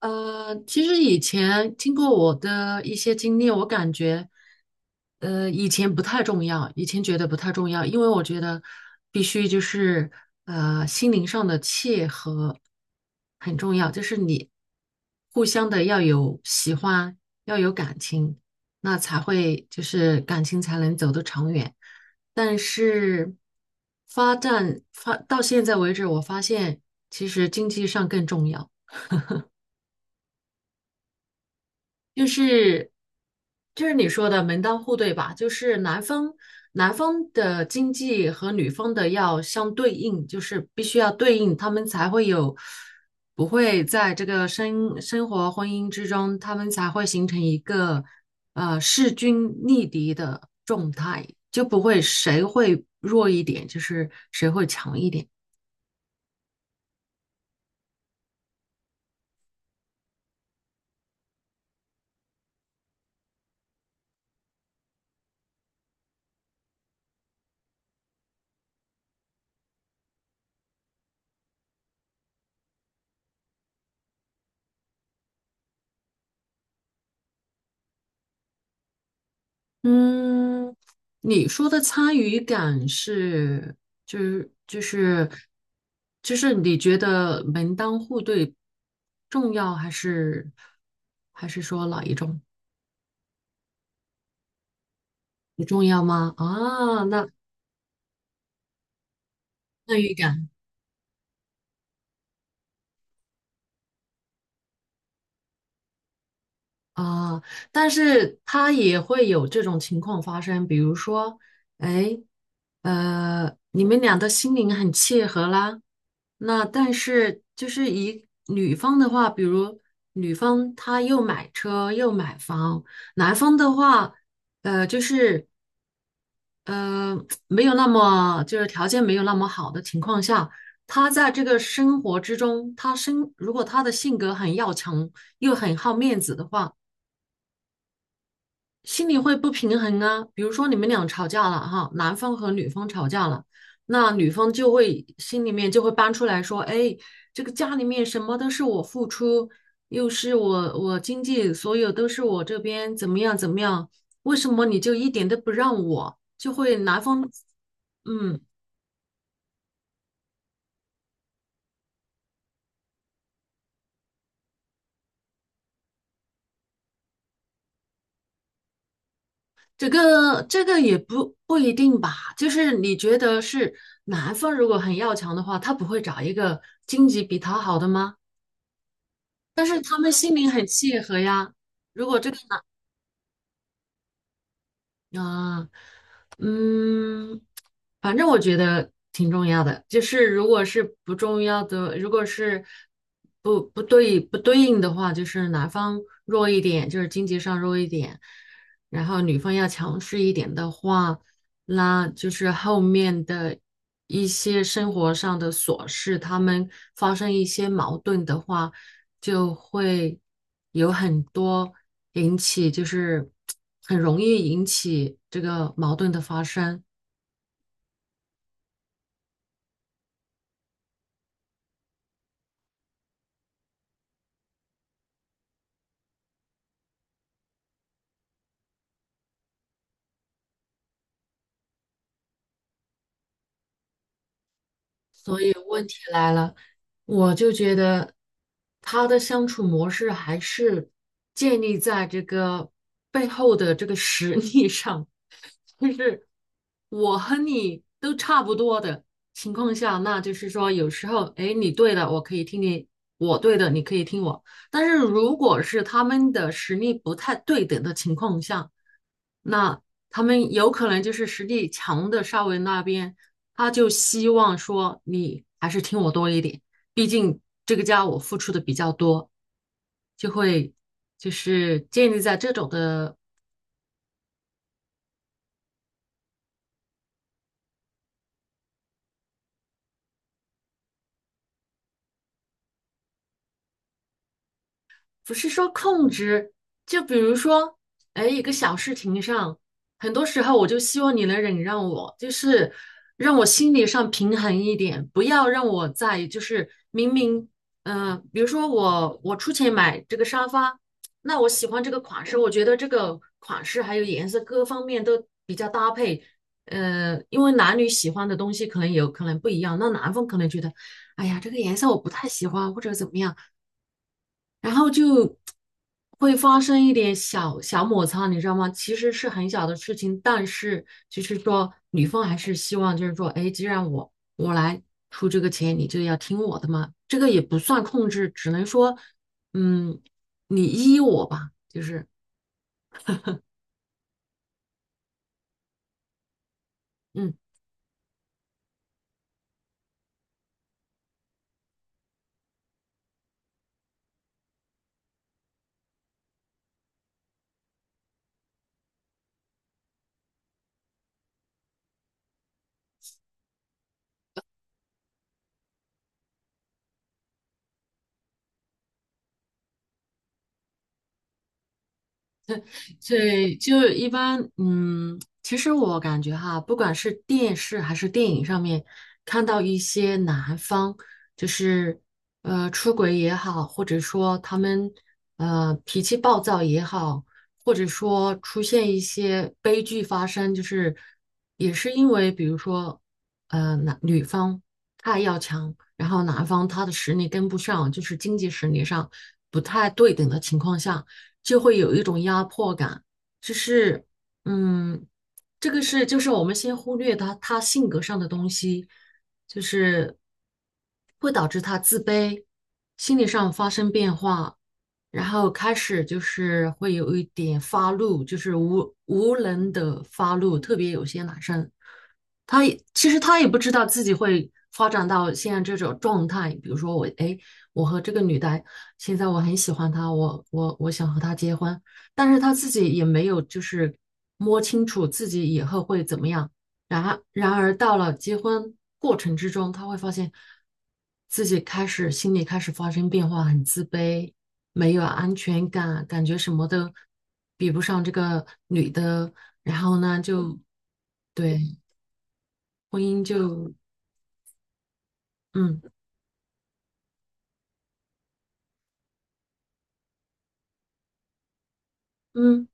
其实以前经过我的一些经历，我感觉，以前不太重要，以前觉得不太重要，因为我觉得必须就是心灵上的契合很重要，就是你互相的要有喜欢，要有感情，那才会就是感情才能走得长远。但是发到现在为止，我发现其实经济上更重要。就是就是你说的门当户对吧？就是男方的经济和女方的要相对应，就是必须要对应，他们才会有不会在这个生活婚姻之中，他们才会形成一个势均力敌的状态，就不会谁会弱一点，就是谁会强一点。嗯，你说的参与感是，就是就是你觉得门当户对重要还是说哪一种不重要吗？啊，那参与感。啊，但是他也会有这种情况发生，比如说，哎，你们俩的心灵很契合啦，那但是就是以女方的话，比如女方她又买车又买房，男方的话，就是呃没有那么就是条件没有那么好的情况下，他在这个生活之中，如果他的性格很要强又很好面子的话。心里会不平衡啊。比如说你们俩吵架了哈，男方和女方吵架了，那女方就会心里面就会搬出来说，哎，这个家里面什么都是我付出，又是我经济，所有都是我这边怎么样怎么样，为什么你就一点都不让我？就会男方，嗯。这个也不一定吧，就是你觉得是男方如果很要强的话，他不会找一个经济比他好的吗？但是他们心灵很契合呀。如果这个啊，嗯，反正我觉得挺重要的。就是如果是不重要的，如果是不对应的话，就是男方弱一点，就是经济上弱一点，然后女方要强势一点的话，那就是后面的一些生活上的琐事，他们发生一些矛盾的话。就会有很多引起，就是很容易引起这个矛盾的发生。所以问题来了，我就觉得他的相处模式还是建立在这个背后的这个实力上，就是我和你都差不多的情况下，那就是说有时候，哎，你对的，我可以听你；我对的，你可以听我。但是如果是他们的实力不太对等的情况下，那他们有可能就是实力强的稍微那边，他就希望说你还是听我多一点，毕竟这个家我付出的比较多，就会就是建立在这种的不是说控制，就比如说，哎，一个小事情上，很多时候我就希望你能忍让我，就是让我心理上平衡一点，不要让我在就是明明，嗯、比如说我出钱买这个沙发，那我喜欢这个款式，我觉得这个款式还有颜色各方面都比较搭配，因为男女喜欢的东西可能有可能不一样，那男方可能觉得，哎呀，这个颜色我不太喜欢，或者怎么样。然后就会发生一点小小摩擦，你知道吗？其实是很小的事情，但是就是说，女方还是希望就是说，哎，既然我来出这个钱，你就要听我的嘛。这个也不算控制，只能说，嗯，你依我吧，就是嗯。所以就一般，嗯，其实我感觉哈，不管是电视还是电影上面看到一些男方，就是出轨也好，或者说他们脾气暴躁也好，或者说出现一些悲剧发生，就是也是因为比如说男女方太要强，然后男方他的实力跟不上，就是经济实力上不太对等的情况下。就会有一种压迫感，就是嗯，这个是就是我们先忽略他性格上的东西，就是会导致他自卑，心理上发生变化，然后开始就是会有一点发怒，就是无能的发怒，特别有些男生。他也其实他也不知道自己会发展到现在这种状态。比如说我，哎，我和这个女的，现在我很喜欢她，我想和她结婚，但是他自己也没有就是摸清楚自己以后会怎么样。然而到了结婚过程之中，他会发现自己开始心里开始发生变化，很自卑，没有安全感，感觉什么都比不上这个女的。然后呢，就对。婚姻就嗯嗯，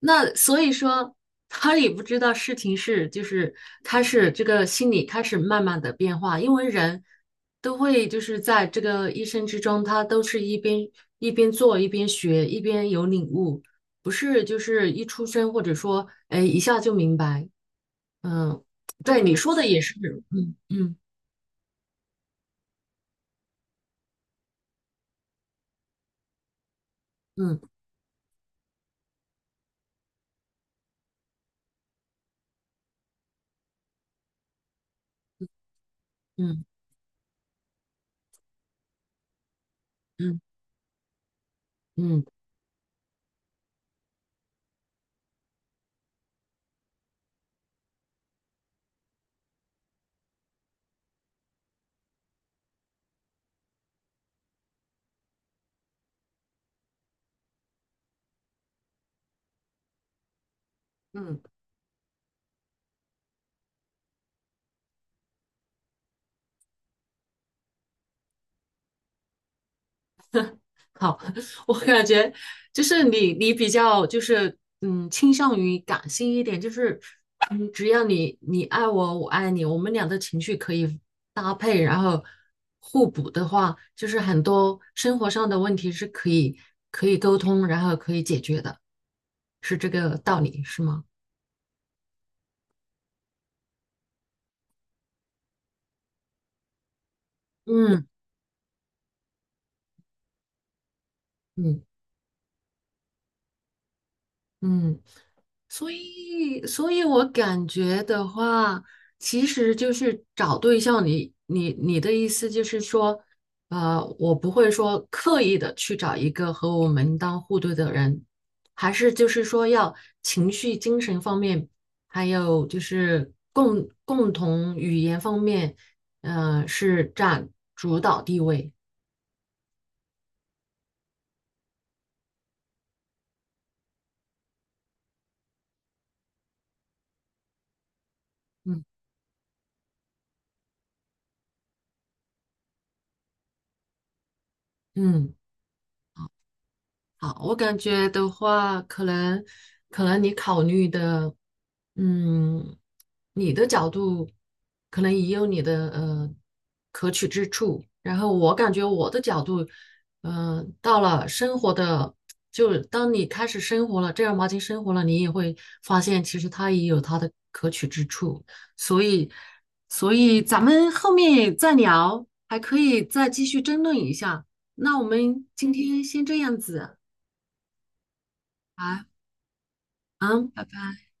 那所以说他也不知道事情是就是他是这个心理开始慢慢的变化，因为人都会就是在这个一生之中，他都是一边一边做一边学一边有领悟，不是就是一出生或者说哎一下就明白，嗯，对你说的也是，嗯嗯嗯嗯嗯嗯嗯。好，我感觉就是你，你比较就是嗯，倾向于感性一点，就是嗯，只要你你爱我，我爱你，我们俩的情绪可以搭配，然后互补的话，就是很多生活上的问题是可以可以沟通，然后可以解决的，是这个道理，是吗？嗯，嗯。嗯，所以，我感觉的话，其实就是找对象你。你你的意思就是说，我不会说刻意的去找一个和我门当户对的人，还是就是说要情绪、精神方面，还有就是共同语言方面，是占主导地位。嗯嗯。好，我感觉的话，可能你考虑的，嗯，你的角度可能也有你的可取之处。然后我感觉我的角度，到了生活的，就当你开始生活了，正儿八经生活了，你也会发现其实它也有它的可取之处。所以，所以，咱们后面再聊，还可以再继续争论一下。那我们今天先这样子。好啊，嗯，拜拜。